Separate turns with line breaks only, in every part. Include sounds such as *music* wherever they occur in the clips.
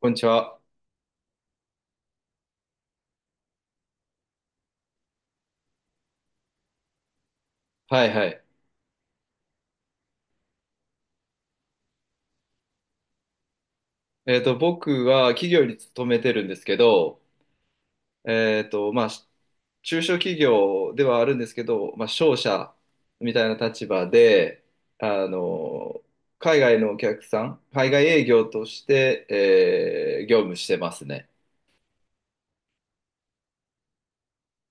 こんにちは。はいはい。僕は企業に勤めてるんですけど、まあ、中小企業ではあるんですけど、まあ、商社みたいな立場で、あの、海外のお客さん、海外営業として、業務してますね。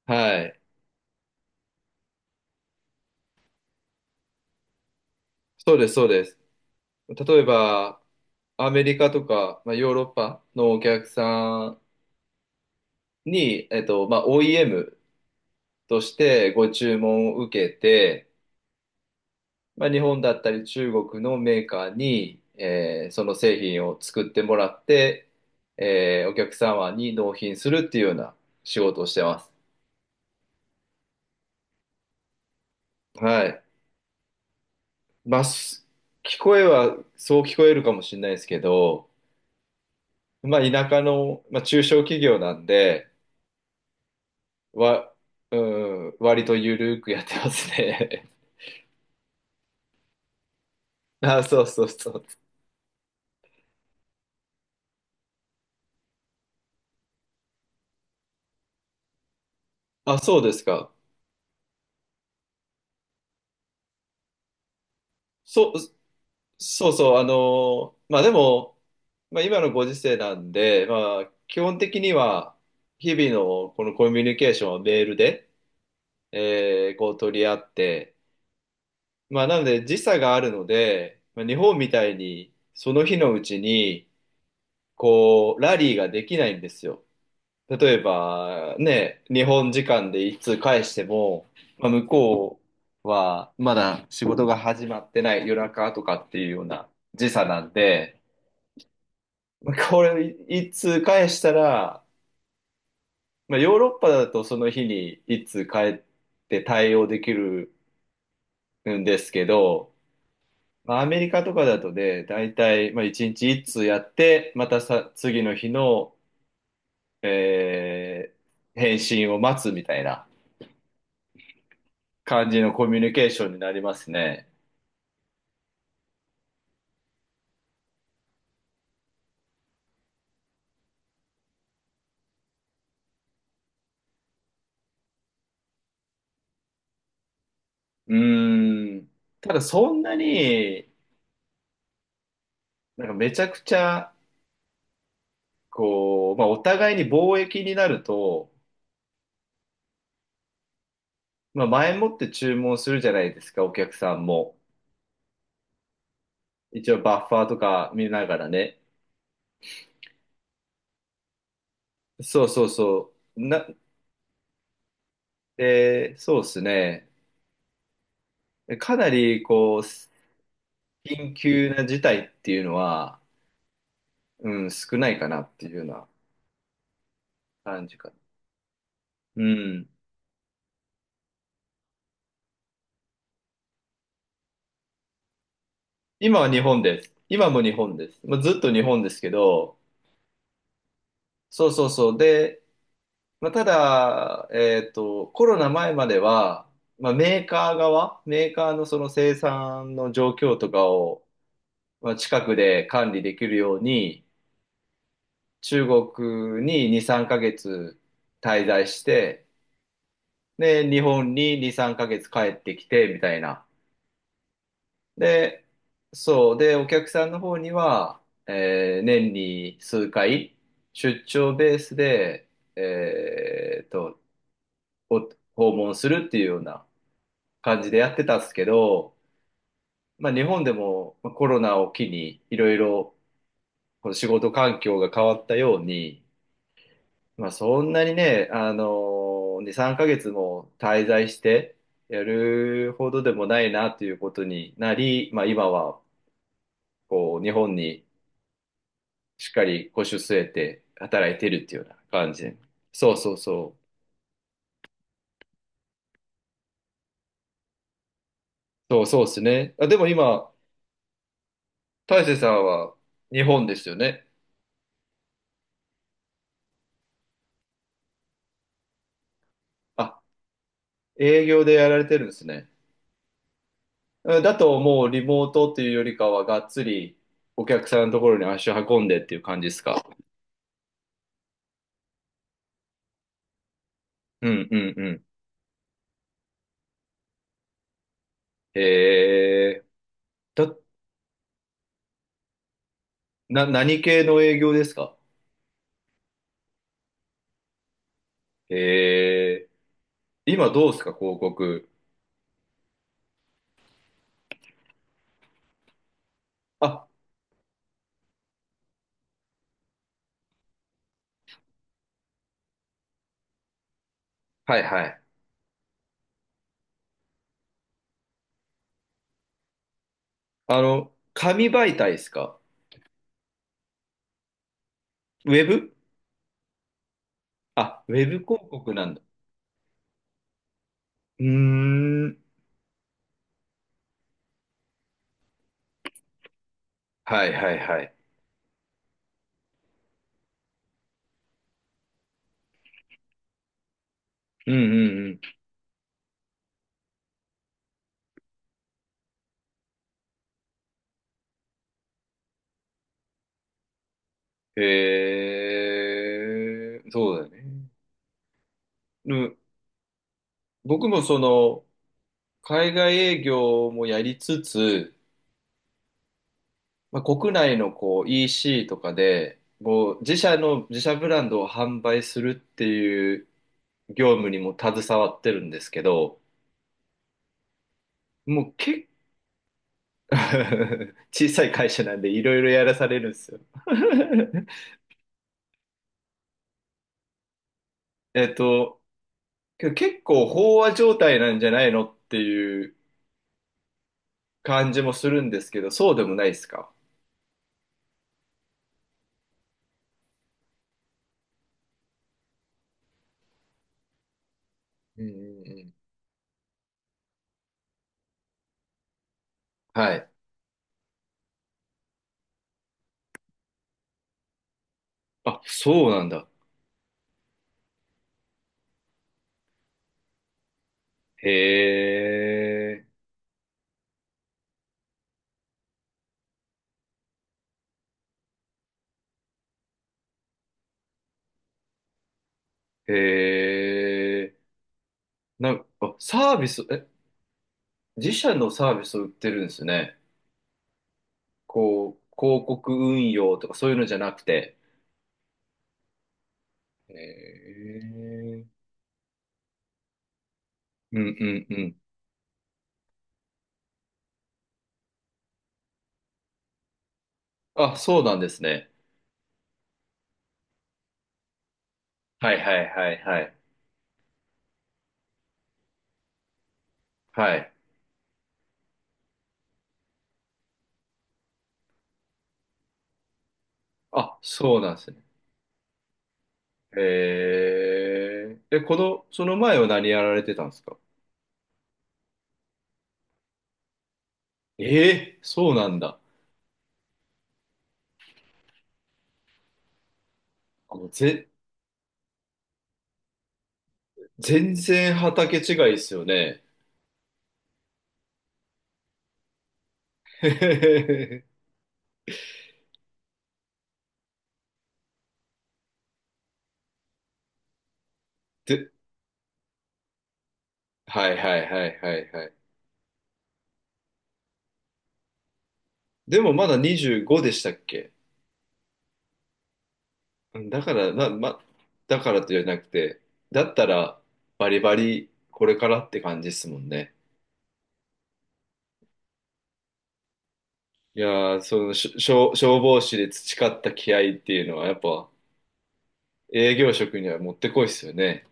はい。そうです、そうです。例えば、アメリカとか、まあ、ヨーロッパのお客さんに、まあ、OEM としてご注文を受けて、まあ、日本だったり中国のメーカーに、その製品を作ってもらって、お客様に納品するっていうような仕事をしてます。はい。まあ、聞こえはそう聞こえるかもしれないですけど、まあ、田舎の、まあ、中小企業なんで、わ、うん、割とゆるくやってますね。*laughs* あ、そうそうそう。あ、そうですか。そ、そうそう、あの、まあでも、まあ今のご時世なんで、まあ基本的には日々のこのコミュニケーションはメールで、こう取り合って、まあなので時差があるので、まあ、日本みたいにその日のうちにこうラリーができないんですよ。例えばね、日本時間でいつ返しても、まあ、向こうはまだ仕事が始まってない夜中とかっていうような時差なんで、これ一通返したら、まあ、ヨーロッパだとその日に一通返って対応できるんですけど、まあ、アメリカとかだとね、大体、まあ、一日一通やって、またさ、次の日の、えー返信を待つみたいな感じのコミュニケーションになりますね。うーん。ただそんなに、なんかめちゃくちゃ、こう、まあ、お互いに貿易になると、まあ、前もって注文するじゃないですか、お客さんも。一応バッファーとか見ながらね。そうそうそう。な、えーそうですね。かなり、こう、緊急な事態っていうのは、うん、少ないかなっていうような感じかな。うん。今は日本です。今も日本です。まあ、ずっと日本ですけど、そうそうそう。で、まあ、ただ、コロナ前までは、まあ、メーカーのその生産の状況とかを、まあ近くで管理できるように、中国に2、3ヶ月滞在して、で、日本に2、3ヶ月帰ってきて、みたいな。で、そう。で、お客さんの方には、年に数回、出張ベースで、えーと、お訪問するっていうような感じでやってたんですけど、まあ、日本でもまあコロナを機に、いろいろこの仕事環境が変わったように、まあ、そんなにね、あの2、3ヶ月も滞在してやるほどでもないなということになり、まあ、今はこう日本にしっかり腰を据えて働いてるっていうような感じ。そうそうそう。そうそうですね。あ、でも今、大勢さんは日本ですよね。あ、営業でやられてるんですね。うんだともうリモートっていうよりかはがっつりお客さんのところに足を運んでっていう感じですか？うんうんうん。へえ。だ、何系の営業ですか？え今どうですか、広告？あ、はいはい。紙媒体ですか？ウェブ？あ、ウェブ広告なんだ。うーん。はいはいはい。うんうんうん。そうだね。うん、僕も海外営業もやりつつ、まあ、国内のこう EC とかで、こう自社ブランドを販売するっていう業務にも携わってるんですけど、もう結構 *laughs* 小さい会社なんでいろいろやらされるんですよ。*laughs* えっと、けど結構飽和状態なんじゃないのっていう感じもするんですけど、そうでもないですか？うんうんうん。はい。あ、そうなんだ。へえ、へえ。なんか、あ、サービス、え、自社のサービスを売ってるんですね。こう、広告運用とかそういうのじゃなくて。へえ。うんうんうん。あ、そうなんですね。はいはいはいはい。はい。あ、そうなんですね。へえ。で、その前は何やられてたんですか？ええ、そうなんだ。あの、ぜ、全然畑違いですよね。へへへへ。で、はいはいはいはいはい。でもまだ25でしたっけ？うんだから、だからとじゃなくて、だったら、バリバリ、これからって感じですもんね。いやー、その、しょ、消消防士で培った気合っていうのは、やっぱ、営業職にはもってこいっすよね。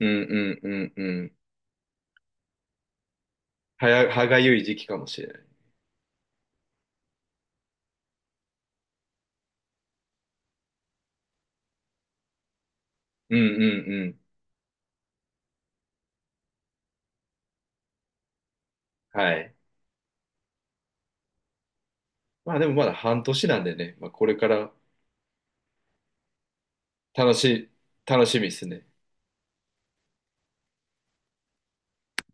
うんうんうんうん。歯がゆい時期かもしれない。うんうんうん。はい。まあでもまだ半年なんでね、まあこれから楽し、楽しみですね。